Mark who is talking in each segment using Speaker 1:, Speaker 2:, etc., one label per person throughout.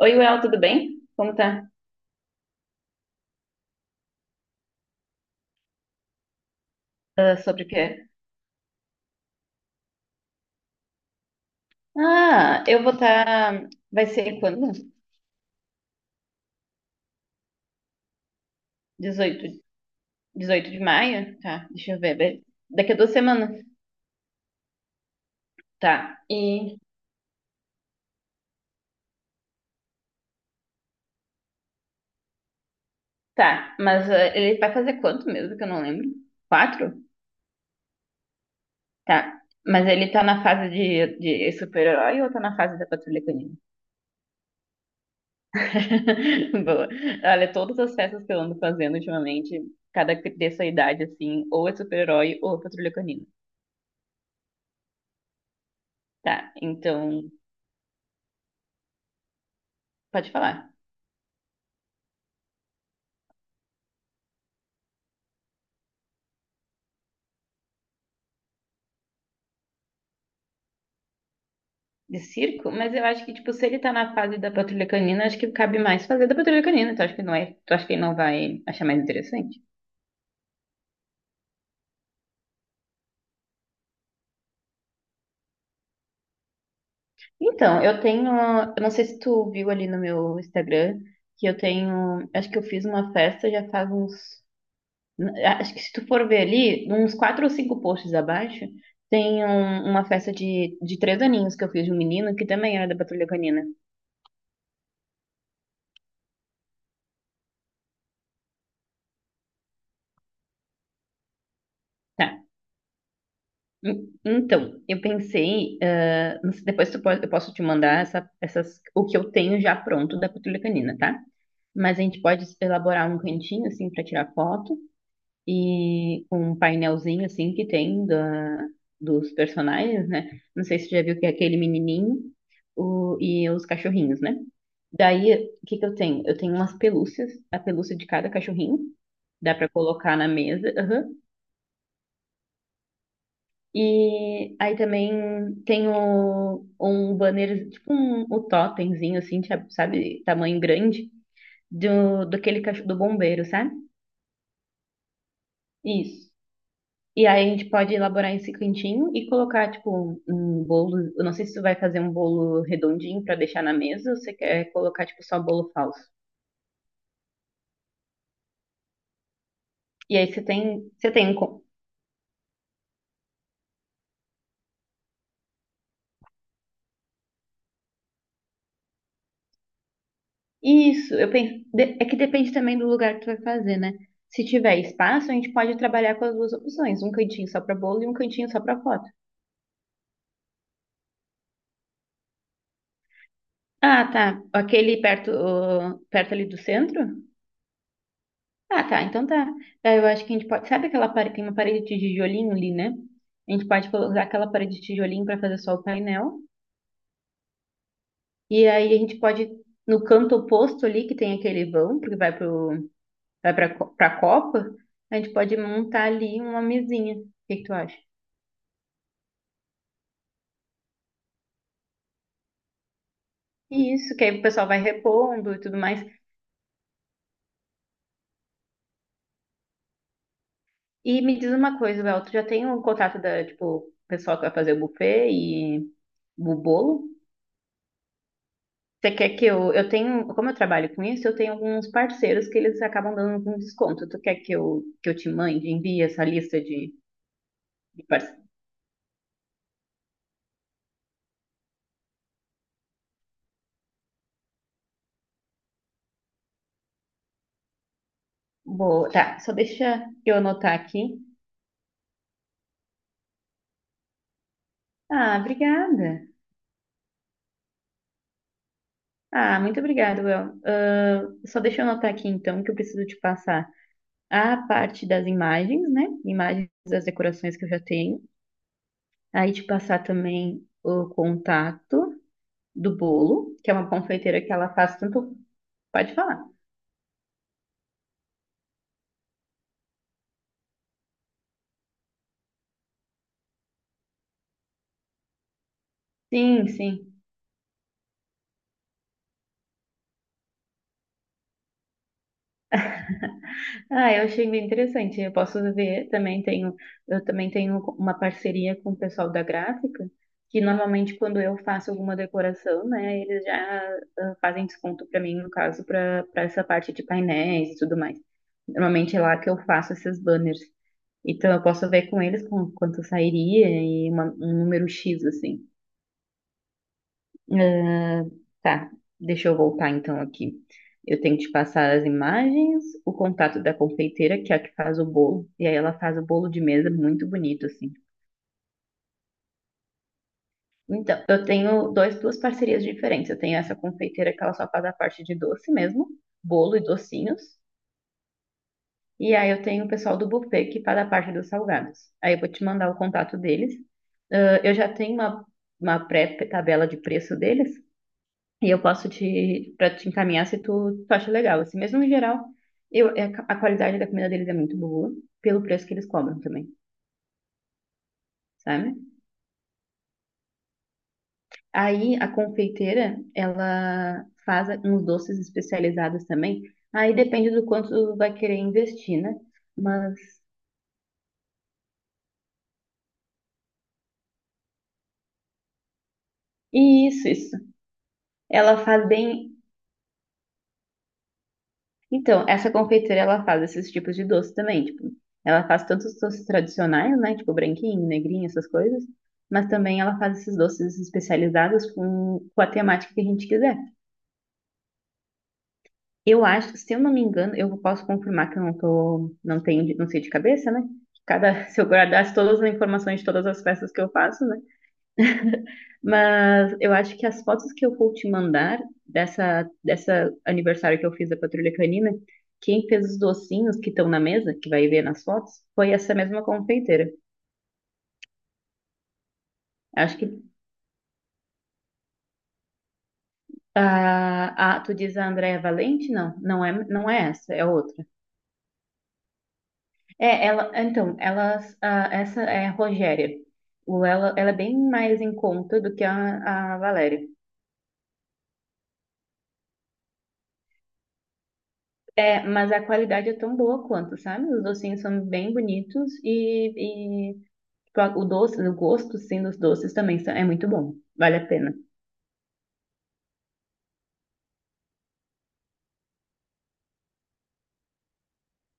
Speaker 1: Oi, Well, tudo bem? Como tá? Ah, sobre o quê? Ah, eu vou estar. Vai ser quando? 18, 18 de maio? Tá, deixa eu ver. Daqui a 2 semanas. Tá, e. Tá, mas ele vai fazer quanto mesmo que eu não lembro? 4? Tá, mas ele tá na fase de super-herói ou tá na fase da Patrulha Canina? Boa. Olha, todas as festas que eu ando fazendo ultimamente, cada dessa idade, assim, ou é super-herói ou é Patrulha Canina. Tá, então, pode falar. De circo? Mas eu acho que, tipo, se ele tá na fase da patrulha canina, acho que cabe mais fazer da patrulha canina. Tu acha que não é? Tu acha que ele não vai achar mais interessante? Então, eu tenho. Eu não sei se tu viu ali no meu Instagram que eu tenho. Acho que eu fiz uma festa já faz uns. Acho que se tu for ver ali, uns quatro ou cinco posts abaixo, tem uma festa de 3 aninhos que eu fiz de um menino que também era da patrulha canina. Tá. Então, eu pensei, ah, não sei, depois eu posso te mandar o que eu tenho já pronto da patrulha canina, tá? Mas a gente pode elaborar um cantinho, assim, para tirar foto e com um painelzinho, assim, que tem dos personagens, né? Não sei se tu já viu que é aquele menininho e os cachorrinhos, né? Daí, o que que eu tenho? Eu tenho umas pelúcias, a pelúcia de cada cachorrinho, dá para colocar na mesa, aham. E aí também tem um banner, tipo o totemzinho, assim, sabe, tamanho grande, daquele cachorro do bombeiro, sabe? Isso. E aí a gente pode elaborar esse cantinho e colocar, tipo, um bolo. Eu não sei se tu vai fazer um bolo redondinho pra deixar na mesa ou você quer colocar, tipo, só bolo falso. E aí você tem Isso, eu penso. É que depende também do lugar que tu vai fazer, né? Se tiver espaço, a gente pode trabalhar com as duas opções, um cantinho só pra bolo e um cantinho só pra foto. Ah, tá. Aquele perto, ali do centro? Ah, tá. Então tá. Daí eu acho que a gente pode. Sabe aquela parede, tem uma parede de tijolinho ali, né? A gente pode usar aquela parede de tijolinho pra fazer só o painel. E aí a gente pode, no canto oposto ali, que tem aquele vão, porque vai pro, pra copa, a gente pode montar ali uma mesinha. O que que tu acha? Isso, que aí o pessoal vai repondo e tudo mais. E me diz uma coisa, Bel, tu já tem o contato tipo, o pessoal que vai fazer o buffet e o bolo? Você quer que eu tenho, como eu trabalho com isso, eu tenho alguns parceiros que eles acabam dando algum desconto. Tu quer que eu te mande, envie essa lista de parceiros? Boa, tá, só deixa eu anotar aqui. Ah, obrigada. Ah, muito obrigada, Bel. Ah, só deixa eu anotar aqui então que eu preciso te passar: a parte das imagens, né? Imagens das decorações que eu já tenho. Aí te passar também o contato do bolo, que é uma confeiteira que ela faz tanto. Pode falar. Sim, sim. Ah, eu achei bem interessante. Eu posso ver, eu também tenho uma parceria com o pessoal da gráfica, que normalmente quando eu faço alguma decoração, né, eles já fazem desconto para mim, no caso, para essa parte de painéis e tudo mais. Normalmente é lá que eu faço esses banners. Então eu posso ver com eles quanto sairia e um número X, assim. Ah, tá, deixa eu voltar então aqui. Eu tenho que te passar as imagens, o contato da confeiteira, que é a que faz o bolo. E aí ela faz o bolo de mesa muito bonito, assim. Então, eu tenho duas parcerias diferentes. Eu tenho essa confeiteira que ela só faz a parte de doce mesmo, bolo e docinhos. E aí eu tenho o pessoal do buffet que faz a parte dos salgados. Aí eu vou te mandar o contato deles. Ah, eu já tenho uma pré-tabela de preço deles e eu posso para te encaminhar se tu acha legal. Assim, mesmo em geral, é a qualidade da comida deles é muito boa, pelo preço que eles cobram também, sabe? Aí a confeiteira, ela faz uns doces especializados também. Aí depende do quanto tu vai querer investir, né? Mas isso, isso. Ela faz bem Então, essa confeiteira, ela faz esses tipos de doce também, tipo, ela faz tanto os doces tradicionais, né, tipo branquinho, negrinho, essas coisas, mas também ela faz esses doces especializados com a temática que a gente quiser. Eu acho, se eu não me engano, eu posso confirmar que eu não tô, não tenho, não sei de cabeça, né? Cada, se eu guardasse todas as informações de todas as festas que eu faço, né? Mas eu acho que as fotos que eu vou te mandar dessa aniversário que eu fiz da Patrulha Canina, quem fez os docinhos que estão na mesa, que vai ver nas fotos, foi essa mesma confeiteira. Acho que a tu diz a Andréia Valente? Não, não é, não é essa, é outra. É, ela, então, elas, essa é a Rogéria. O, ela é bem mais em conta do que a Valéria. É, mas a qualidade é tão boa quanto, sabe? Os docinhos são bem bonitos e O doce, o gosto, sim, dos doces também é muito bom. Vale a pena.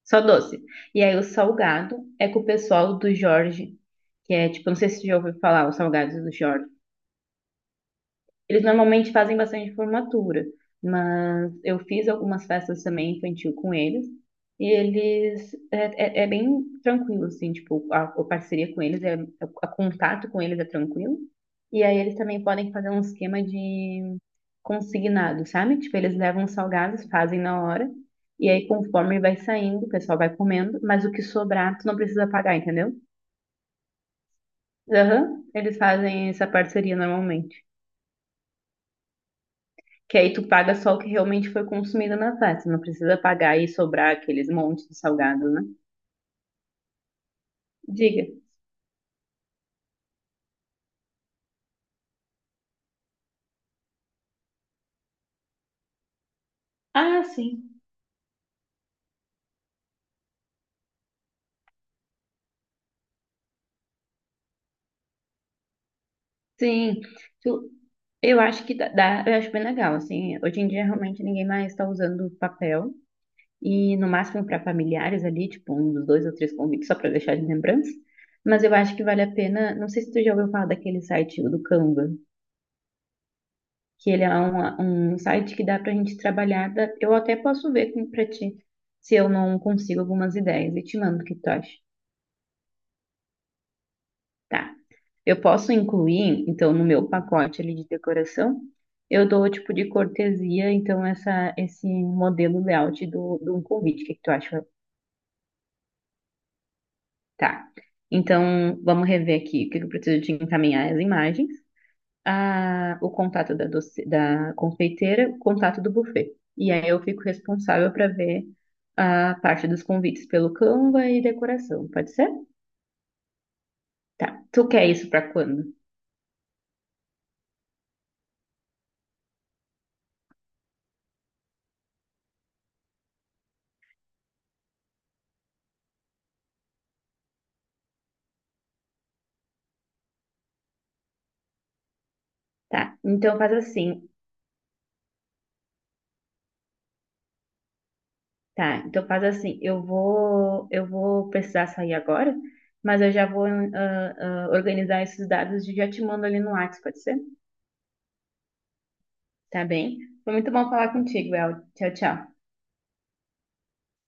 Speaker 1: Só doce. E aí o salgado é com o pessoal do Jorge, que é tipo, não sei se você já ouviu falar, os salgados do Jorge. Eles normalmente fazem bastante formatura, mas eu fiz algumas festas também infantil com eles. E eles é bem tranquilo, assim, tipo, a parceria com eles, contato com eles é tranquilo. E aí eles também podem fazer um esquema de consignado, sabe? Tipo, eles levam os salgados, fazem na hora, e aí conforme vai saindo, o pessoal vai comendo, mas o que sobrar, tu não precisa pagar, entendeu? Aham, eles fazem essa parceria normalmente. Que aí tu paga só o que realmente foi consumido na festa. Não precisa pagar e sobrar aqueles montes de salgado, né? Diga. Ah, sim. Sim. Tu- eu acho que eu acho bem legal, assim. Hoje em dia realmente ninguém mais está usando papel. E no máximo para familiares ali, tipo, um dos dois ou três convites, só para deixar de lembrança. Mas eu acho que vale a pena. Não sei se tu já ouviu falar daquele site do Canva. Que ele é um site que dá para a gente trabalhar. Eu até posso ver para ti se eu não consigo algumas ideias e te mando o que tu acha. Tá. Eu posso incluir, então, no meu pacote ali de decoração, eu dou o tipo de cortesia, então, esse modelo layout do convite. O que que tu acha? Tá. Então, vamos rever aqui o que que eu preciso te encaminhar as imagens. O contato da confeiteira, o contato do buffet. E aí eu fico responsável para ver a parte dos convites pelo Canva e decoração, pode ser? Tá. Tu quer isso para quando? Tá. Então faz assim. Tá. Então faz assim. Eu vou precisar sair agora, mas eu já vou organizar esses dados e já te mando ali no WhatsApp, pode ser? Tá bem? Foi muito bom falar contigo, El. Tchau, tchau.